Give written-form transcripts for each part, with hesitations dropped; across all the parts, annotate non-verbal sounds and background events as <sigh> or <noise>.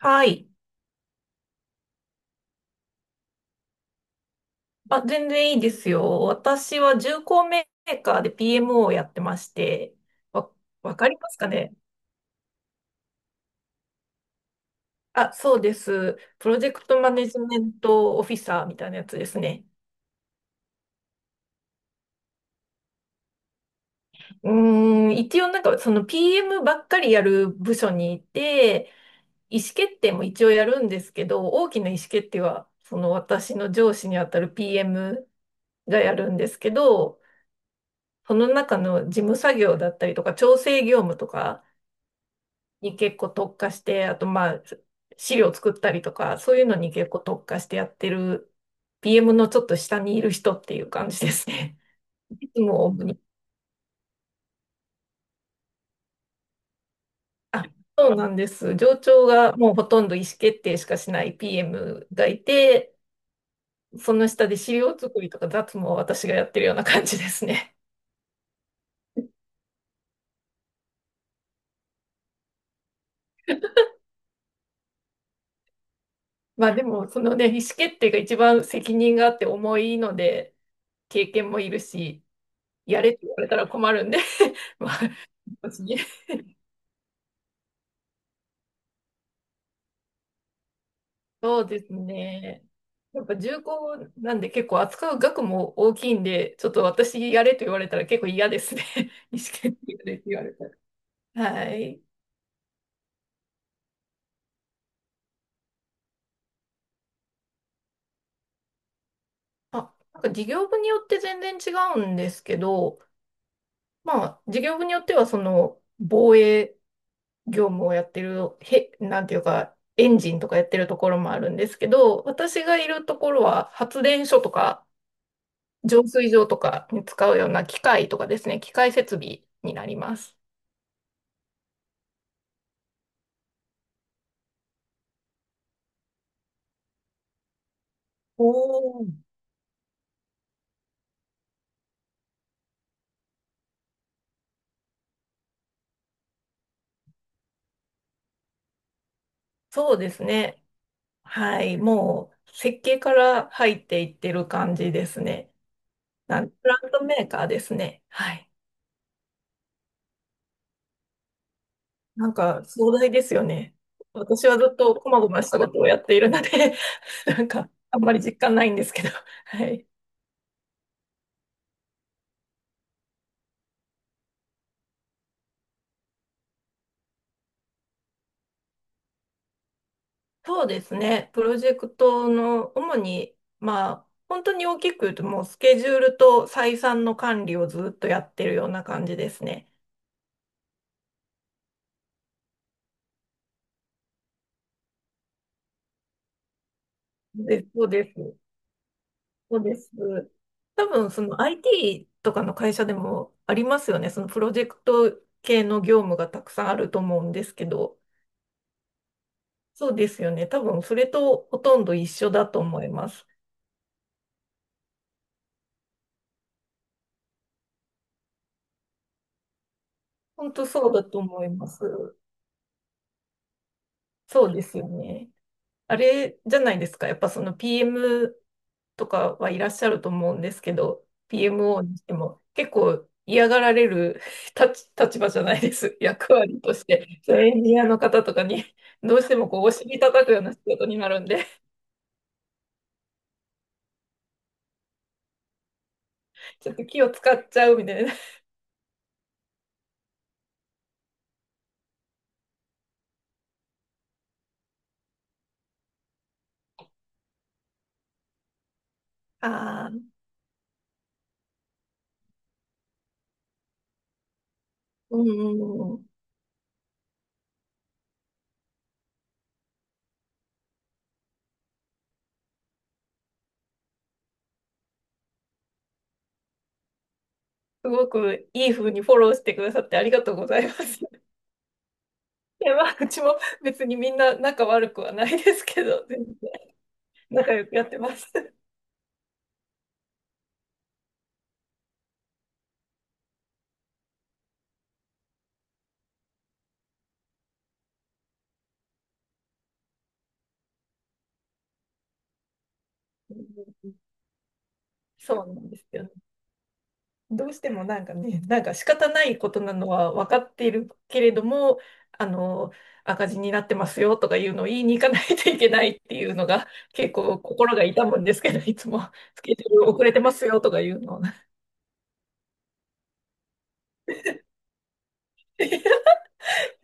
はい。あ、全然いいですよ。私は重工メーカーで p m をやってまして、わ、わかりますかね。あ、そうです。プロジェクトマネジメントオフィサーみたいなやつですね。一応なんかその PM ばっかりやる部署にいて、意思決定も一応やるんですけど、大きな意思決定はその私の上司にあたる PM がやるんですけど、その中の事務作業だったりとか調整業務とか、に結構特化して、あとまあ、資料作ったりとか、そういうのに結構特化してやってる PM のちょっと下にいる人っていう感じですね。<laughs> いつも主に。あ、そうなんです。上長がもうほとんど意思決定しかしない PM がいて、その下で資料作りとか雑務を私がやってるような感じですね。まあでも、そのね、意思決定が一番責任があって重いので、経験もいるし、やれって言われたら困るんで、<laughs> まあ、私に。そうですね。やっぱ重厚なんで結構扱う額も大きいんで、ちょっと私やれと言われたら結構嫌ですね。<laughs> 意思決定やれって言われたら。はい。あ、なんか事業部によって全然違うんですけど、まあ事業部によってはその防衛業務をやってる、へ、なんていうか、エンジンとかやってるところもあるんですけど、私がいるところは発電所とか浄水場とかに使うような機械とかですね、機械設備になります。おお、そうですね。はい。もう、設計から入っていってる感じですね。プラントメーカーですね。はい。なんか、壮大ですよね。私はずっとこまごましたことをやっているので、<laughs> なんか、あんまり実感ないんですけど。はい。そうですね。プロジェクトの、主に、まあ、本当に大きく言うと、もう、スケジュールと採算の管理をずっとやってるような感じですね。で、そうです。そうです。多分、その IT とかの会社でもありますよね。そのプロジェクト系の業務がたくさんあると思うんですけど、そうですよね。多分、それとほとんど一緒だと思います。本当そうだと思います。そうですよね。あれじゃないですか。やっぱその PM とかはいらっしゃると思うんですけど、PMO にしても結構嫌がられる <laughs> 立場じゃないです。<laughs> 役割として。そうエンジニアの方とかにどうしてもこうお尻叩くような仕事になるんで、ちょっと気を使っちゃうみたいな。ああ、うんうんうん。すごくいい風にフォローしてくださってありがとうございます。<laughs> いや、まあ、うちも別にみんな仲悪くはないですけど、全然仲良くやってます。うん、そうなんですよね。どうしてもなんかね、なんか仕方ないことなのは分かっているけれども、あの、赤字になってますよとかいうのを言いに行かないといけないっていうのが結構心が痛むんですけど、いつもスケジュール遅れてますよとかいうのを。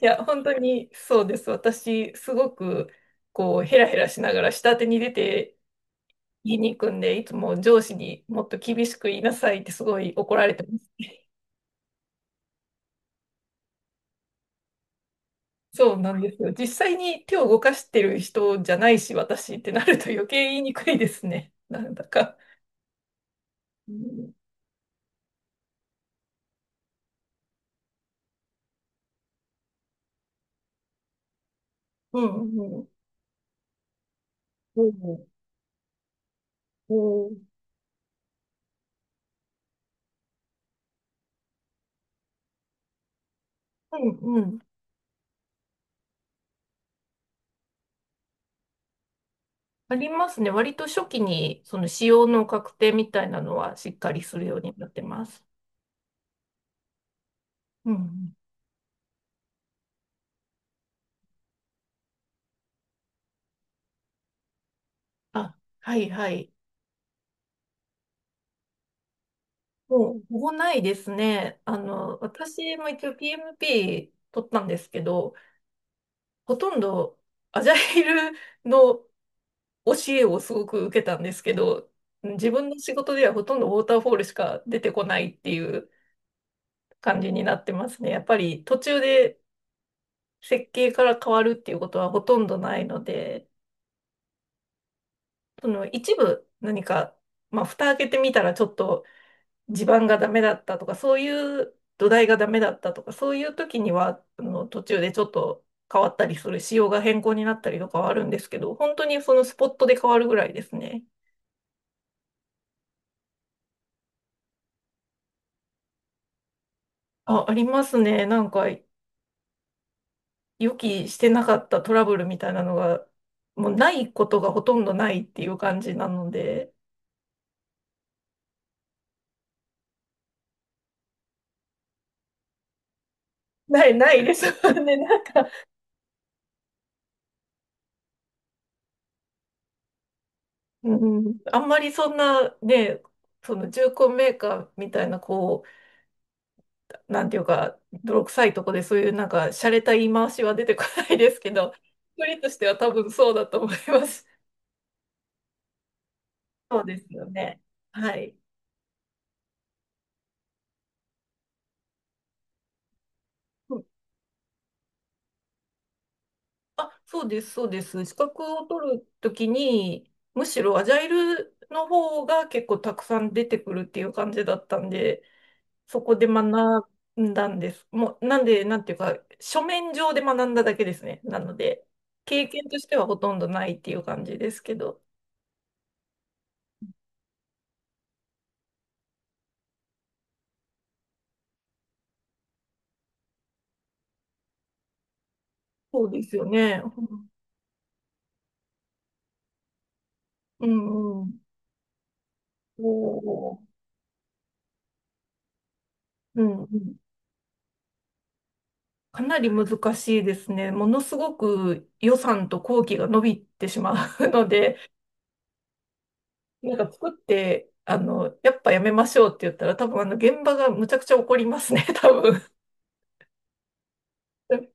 いや、本当にそうです。私、すごく、こう、ヘラヘラしながら下手に出て言いに行くんで、いつも上司にもっと厳しく言いなさいってすごい怒られてます。そうなんですよ。実際に手を動かしてる人じゃないし、私ってなると余計言いにくいですね。<laughs> なんだか。うん、うん、うん、うん、うん。うん、ありますね。割と初期に、その使用の確定みたいなのはしっかりするようになってます。うん。あ、はいはい。もう、ほぼないですね。あの、私も一応 PMP 取ったんですけど、ほとんどアジャイルの教えをすごく受けたんですけど、自分の仕事ではほとんどウォーターフォールしか出てこないっていう感じになってますね。やっぱり途中で設計から変わるっていうことはほとんどないので、その一部何か、まあ、蓋開けてみたらちょっと地盤がダメだったとか、そういう土台がダメだったとか、そういう時には、あの途中でちょっと変わったりする、仕様が変更になったりとかはあるんですけど、本当にそのスポットで変わるぐらいですね。あ、ありますね。なんか、予期してなかったトラブルみたいなのが、もうないことがほとんどないっていう感じなので、ないないですよ <laughs> ね。なんか、うん、あんまりそんなね、その重工メーカーみたいな、こう、なんていうか、泥臭いとこでそういうなんか、洒落た言い回しは出てこないですけど、一人としては多分そうだと思います。そうですよね。はい。あ、そうです、そうです。資格を取るときに、むしろアジャイルの方が結構たくさん出てくるっていう感じだったんで、そこで学んだんです。もう、なんで、なんていうか、書面上で学んだだけですね。なので、経験としてはほとんどないっていう感じですけど。そうですよね。うん、うん。おー、うんうん。かなり難しいですね。ものすごく予算と工期が伸びてしまうので、なんか作って、あの、やっぱやめましょうって言ったら、多分あの、現場がむちゃくちゃ怒りますね、<laughs> 多分。<laughs>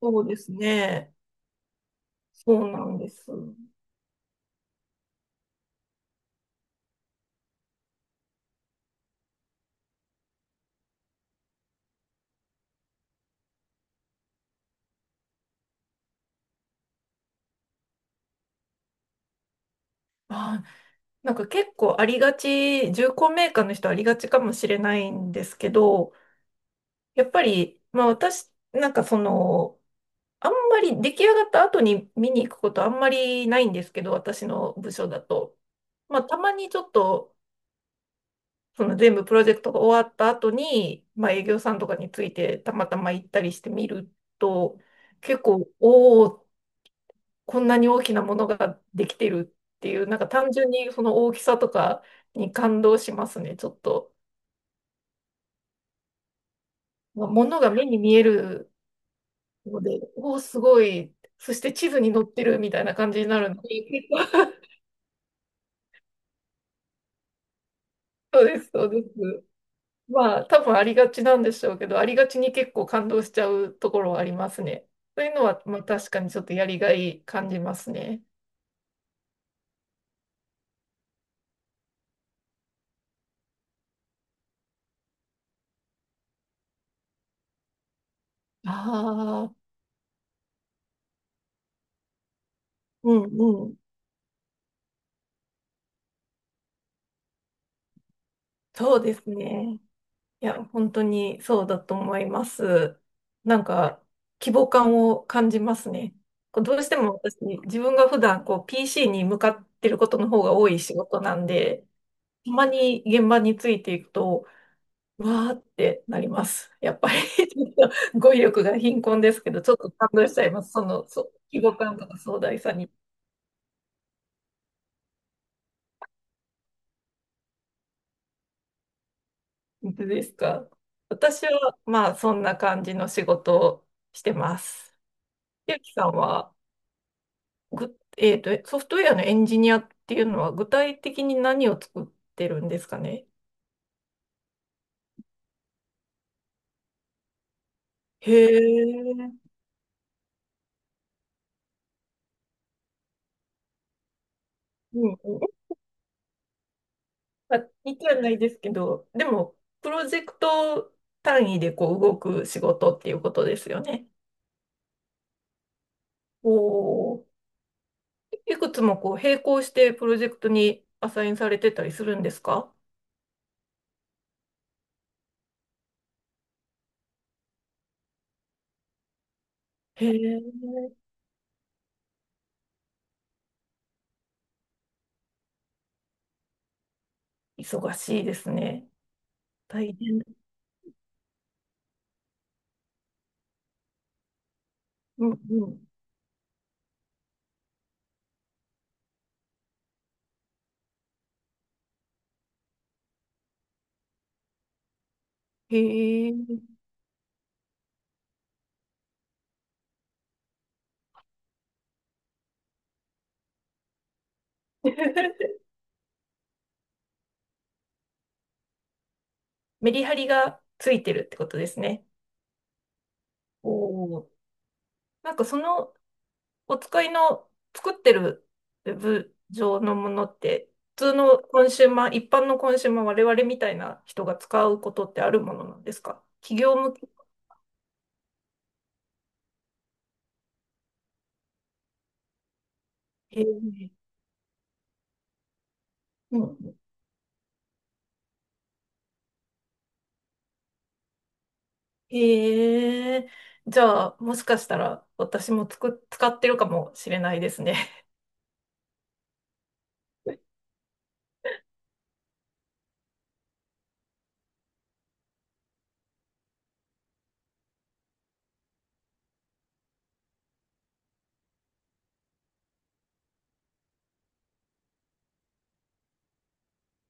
そうですね。そうなんです。まあ、なんか結構ありがち、重工メーカーの人ありがちかもしれないんですけど、やっぱり、まあ私、なんかその、あんまり出来上がった後に見に行くことあんまりないんですけど、私の部署だと。まあたまにちょっと、その全部プロジェクトが終わった後に、まあ、営業さんとかについてたまたま行ったりしてみると、結構、おお、こんなに大きなものができてるっていう、なんか単純にその大きさとかに感動しますね、ちょっと。まあ、ものが目に見えるので、おお、すごい。そして地図に載ってるみたいな感じになるので、結構 <laughs> そうです、そうです。まあ、多分ありがちなんでしょうけど、ありがちに結構感動しちゃうところはありますね。そういうのは、まあ、確かにちょっとやりがい感じますね。ああ、うんうん。そうですね。いや、本当にそうだと思います。なんか、規模感を感じますね。こうどうしても私、自分が普段こう PC に向かってることの方が多い仕事なんで、たまに現場についていくと、わーってなります。やっぱり <laughs> ちょっと <laughs> 語彙力が貧困ですけど、ちょっと感動しちゃいます。その、そう、規模感とか壮大さに。本当ですか。私は、まあ、そんな感じの仕事をしてます。ゆうきさんは、ぐ、えーと、ソフトウェアのエンジニアっていうのは、具体的に何を作ってるんですかね。へー、うんうん。まあ似てはないですけど、でも、プロジェクト単位でこう動く仕事っていうことですよね。おお。いくつもこう並行してプロジェクトにアサインされてたりするんですか。へえ、忙しいですね。大変だ。うんうん。へえ。<laughs> メリハリがついてるってことですね。おお。なんかそのお使いの作ってるウェブ上のものって普通のコンシューマー、一般のコンシューマー、我々みたいな人が使うことってあるものなんですか、企業向け。へえ。うん、へえ。じゃあ、もしかしたら私もつく、使ってるかもしれないですね。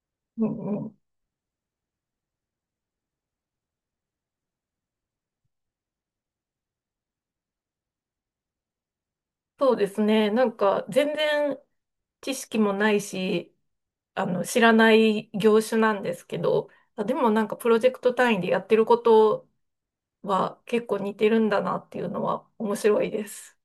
<laughs> うんうん。そうですね。なんか全然知識もないし、あの、知らない業種なんですけど、あ、でもなんかプロジェクト単位でやってることは結構似てるんだなっていうのは面白いです。